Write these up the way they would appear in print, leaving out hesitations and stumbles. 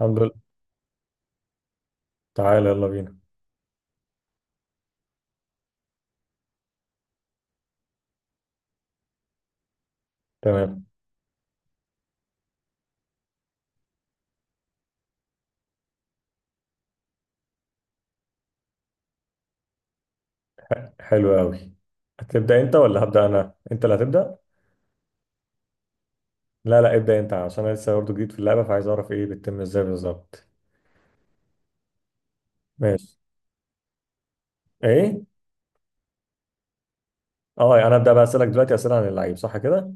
الحمد لله. تعالى يلا بينا. تمام. حلو قوي. هتبدأ انت ولا هبدأ انا؟ انت اللي هتبدأ. لا لا، ابدأ انت عشان انا لسه برضه جديد في اللعبة، فعايز اعرف ايه بتتم ازاي بالظبط. ماشي. ايه. اه، يعني انا ابدأ بقى اسألك دلوقتي اسئلة عن اللعيب، صح كده؟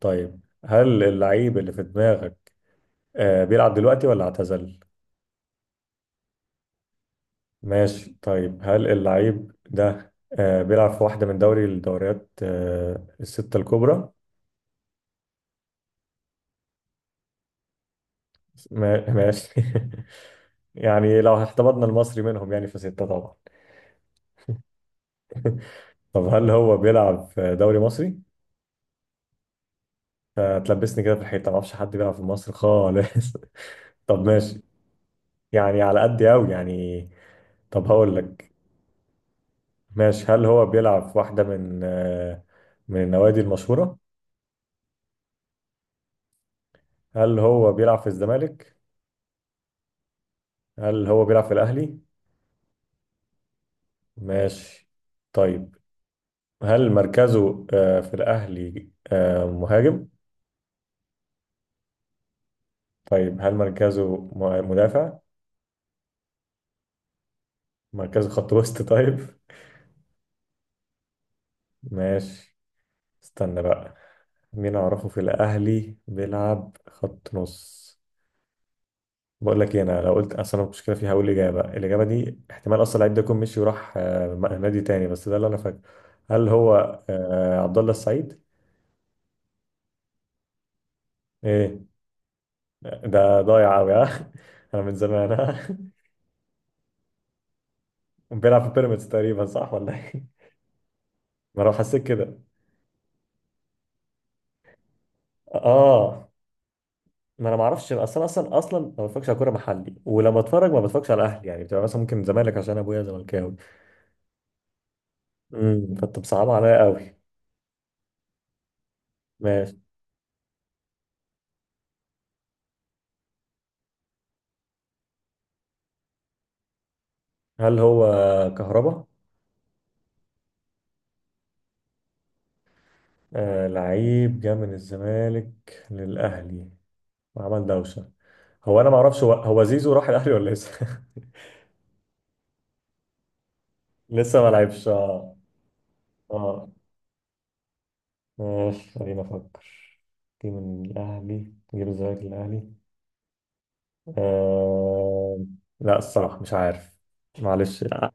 طيب، هل اللعيب اللي في دماغك بيلعب دلوقتي ولا اعتزل؟ ماشي. طيب هل اللعيب ده بيلعب في واحدة من الدوريات الستة الكبرى؟ ماشي. يعني لو احتفظنا المصري منهم يعني فستة طبعا. طب هل هو بيلعب في دوري مصري؟ هتلبسني كده في الحيطة، ما اعرفش حد بيلعب في مصر خالص. طب ماشي. يعني على قد قوي يعني. طب هقول لك. ماشي. هل هو بيلعب في واحدة من النوادي المشهورة؟ هل هو بيلعب في الزمالك؟ هل هو بيلعب في الأهلي؟ ماشي. طيب هل مركزه في الأهلي مهاجم؟ طيب هل مركزه مدافع؟ مركزه خط وسط، طيب؟ ماشي. استنى بقى. مين اعرفه في الاهلي بيلعب خط نص؟ بقول لك إيه، انا لو قلت اصلا المشكله فيها هقول الاجابه دي، احتمال اصلا اللعيب ده يكون مشي وراح، نادي تاني، بس ده اللي انا فاكره. هل هو عبد الله السعيد؟ ايه؟ ده ضايع قوي ها، انا من زمان ها. بيلعب في بيراميدز تقريبا، صح ولا ايه؟ ما انا حسيت كده. اه، ما انا ما اعرفش اصلا اصلا اصلا، ما بتفرجش على كوره محلي، ولما اتفرج ما بتفرجش على اهلي، يعني بتبقى مثلا ممكن زمالك عشان ابويا زملكاوي. فانت بصعب عليا قوي. ماشي. هل هو كهربا؟ لعيب جه من الزمالك للأهلي وعمل دوشة. هو أنا ما أعرفش، هو زيزو راح الأهلي ولا لسه؟ لسه ما لعبش. آه ماشي، خلينا أفكر. جه من الأهلي، جه من الزمالك للأهلي. آه لا، الصراحة مش عارف. معلش. آه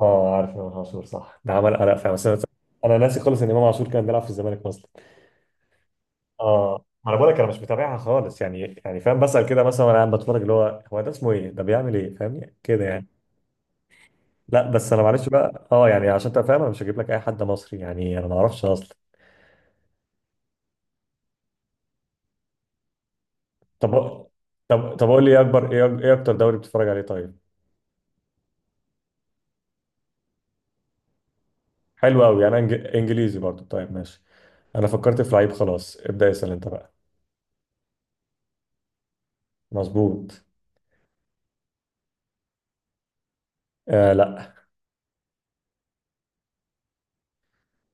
آه عارف إمام عاشور، صح؟ ده عمل قلق فعلا، بس أنا. أنا ناسي خالص إن إمام عاشور كان بيلعب في الزمالك أصلا. اه ما انا بقول لك، انا مش متابعها خالص، يعني فاهم، بسأل كده مثلا وانا قاعد بتفرج اللي هو هو ده اسمه ايه، ده بيعمل ايه، فاهمني كده يعني. لا بس انا معلش بقى، يعني عشان انت فاهم، انا مش هجيب لك اي حد مصري، يعني انا ما اعرفش اصلا. طب طب قول لي، ايه اكبر ايه ايه اكتر دوري بتتفرج عليه، طيب؟ حلو قوي، انا انجليزي برضو، طيب ماشي. انا فكرت في لعيب، خلاص ابدأ اسأل انت بقى. مظبوط. لا،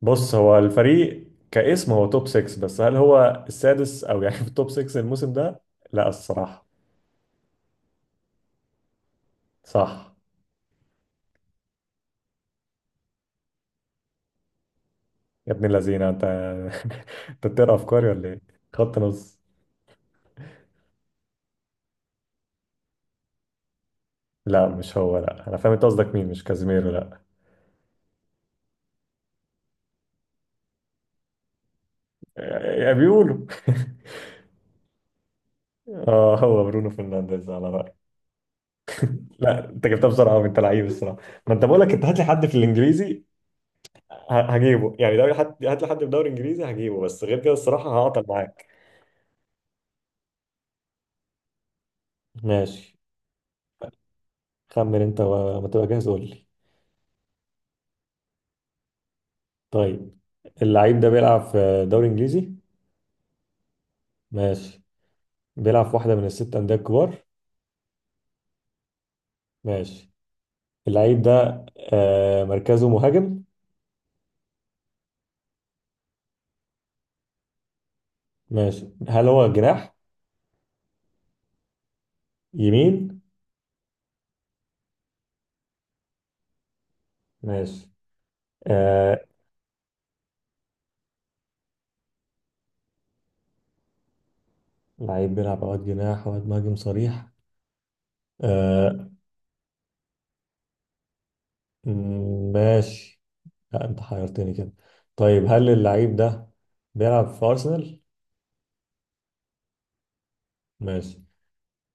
بص هو الفريق كاسم هو توب 6، بس هل هو السادس او يعني في التوب 6 الموسم ده؟ لا الصراحة. صح. يا ابن اللذينه انت، انت بتقرا افكاري ولا ايه؟ خط نص. لا مش هو، لا انا فاهم انت قصدك مين، مش كازيميرو، لا. يا بيقولوا. اه هو برونو فرنانديز على رأيي. لا انت جبتها بسرعه قوي، انت لعيب الصراحه. ما انت بقول لك، انت هات لي حد في الانجليزي. هجيبه يعني دوري، حد هات لي حد في دوري انجليزي هجيبه، بس غير كده الصراحه هعطل معاك. ماشي، خمن انت وما تبقى جاهز قول لي. طيب، اللعيب ده بيلعب في دوري انجليزي؟ ماشي. بيلعب في واحده من الست انديه الكبار؟ ماشي. اللعيب ده مركزه مهاجم؟ ماشي. هل هو جناح يمين؟ ماشي. آه لعيب بيلعب اوقات جناح اوقات مهاجم صريح. آه ماشي. لا انت حيرتني كده. طيب هل اللعيب ده بيلعب في ارسنال؟ ماشي.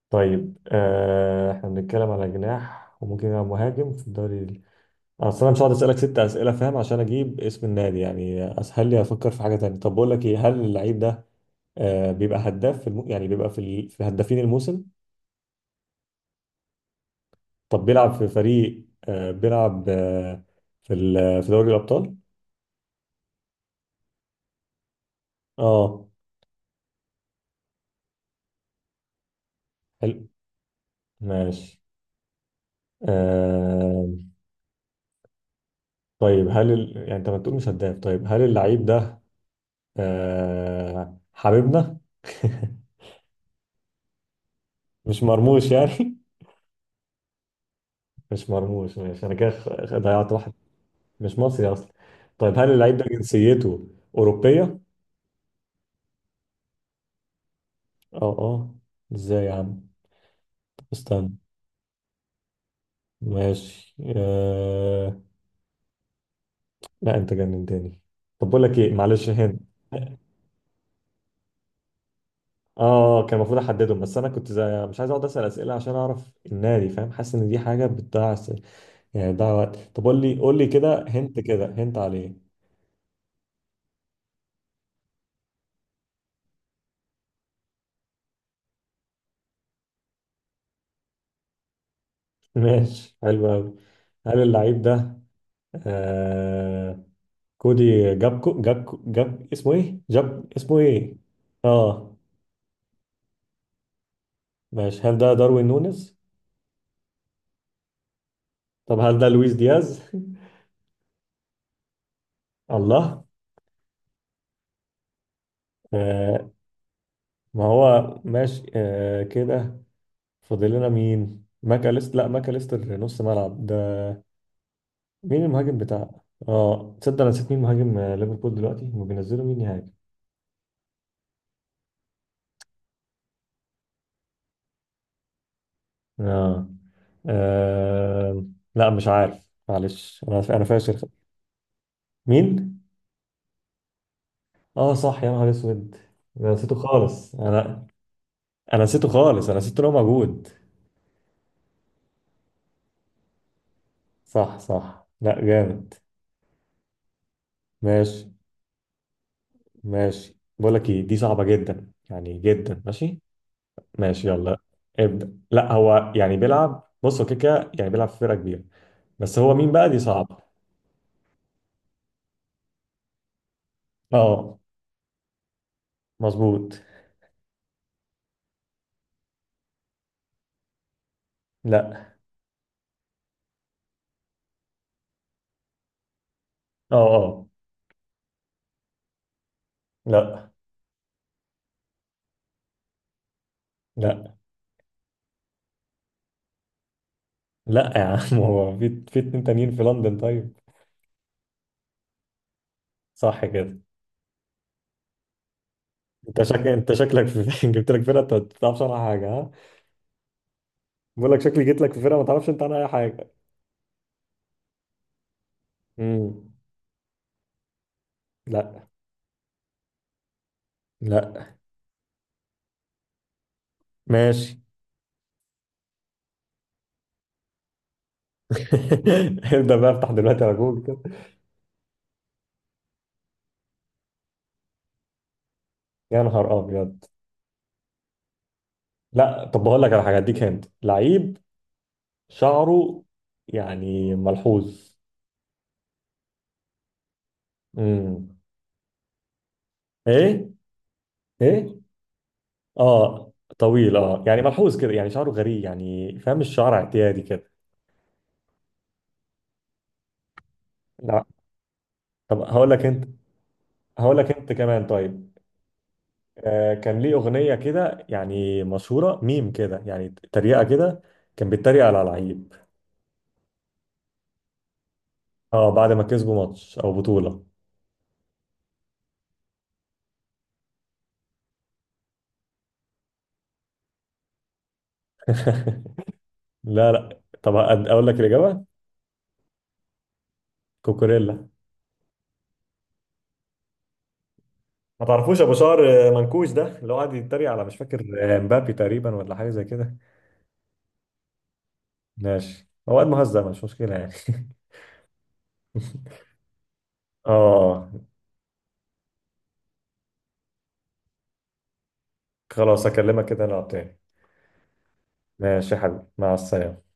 طيب احنا بنتكلم على جناح وممكن يلعب مهاجم في الدوري اصل انا مش هقعد اسالك ست اسئله، فاهم؟ عشان اجيب اسم النادي، يعني اسهل لي افكر في حاجه تانية. طب بقول لك ايه، هل اللعيب ده بيبقى هداف في الم... يعني بيبقى في ال... في هدافين الموسم؟ طب بيلعب في فريق آه، بيلعب آه، في ال... في دوري الأبطال. اه حلو ماشي. آه... طيب، يعني انت ما تقول مش هداف، طيب هل اللعيب ده حبيبنا؟ مش مرموش يعني؟ مش مرموش. ماشي، انا كده ضيعت واحد. مش مصري اصلا. طيب هل اللعيب ده جنسيته أوروبية؟ اه اه، ازاي يا عم؟ استنى. ماشي. لا انت جننتني. طب بقول لك ايه، معلش هند. اه كان المفروض احددهم، بس انا كنت زي مش عايز اقعد اسال اسئله عشان اعرف النادي، فاهم؟ حاسس ان دي حاجه بتضيع يعني بتضيع وقت. طب قول لي، قول لي كده، هنت كده هنت عليه. ماشي، حلو قوي. هل اللعيب ده آه كودي جابكو؟ جابكو؟ جاب اسمه ايه، جاب اسمه ايه. اه ماشي. هل ده داروين نونيز؟ طب هل ده لويس دياز؟ الله. آه ما هو ماشي كده. فاضل لنا مين؟ لا، ماكاليستر نص ملعب ده. مين المهاجم بتاع؟ اه تصدق انا نسيت مين مهاجم ليفربول دلوقتي؟ هما بينزلوا مين يهاجم. اه. آه، لا مش عارف، معلش، انا فاشل. مين؟ اه صح، يا نهار اسود. انا نسيته خالص، انا نسيته خالص، انا نسيت ان هو موجود. صح صح، لا جامد. ماشي ماشي. بقول لك ايه، دي صعبة جدا، يعني جدا. ماشي ماشي يلا. ابدأ. لا هو يعني بيلعب، بص هو كده كده يعني، بيلعب في فرقة كبيرة، بس هو مين بقى؟ دي صعبة. اه. مظبوط. لا. اه اه. لا لا لا يا عم. هو في اتنين تانيين في لندن، طيب. صح كده. انت شكلك جبت لك فرقة انت ما تعرفش عنها حاجة، ها. بقول لك شكلي جيت لك في فرقة ما تعرفش انت عنها اي حاجة. امم لا لا. ماشي. ابدأ بقى، افتح دلوقتي على جوجل كده. يا نهار ابيض. لا طب بقول لك على حاجة، اديك هنت لعيب. شعره يعني ملحوظ. امم ايه. ايه. اه طويل، اه يعني ملحوظ كده، يعني شعره غريب يعني، فاهم، الشعر اعتيادي كده. لا. طب هقول لك انت كمان، طيب. كان ليه اغنيه كده يعني مشهوره، ميم كده يعني، تريقه كده. كان بيتريق على لعيب. اه بعد ما كسبوا ماتش او بطوله. لا لا، طب أقول لك الاجابه. كوكوريلا. ما تعرفوش ابو شعر منكوش ده، اللي هو قاعد يتريق على مش فاكر. مبابي تقريبا ولا حاجه زي كده. ماشي، هو قاعد مهزأ، مش مشكله يعني. اه خلاص، اكلمك كده نلعب تاني. ماشي يا حبيبي، مع السلامه.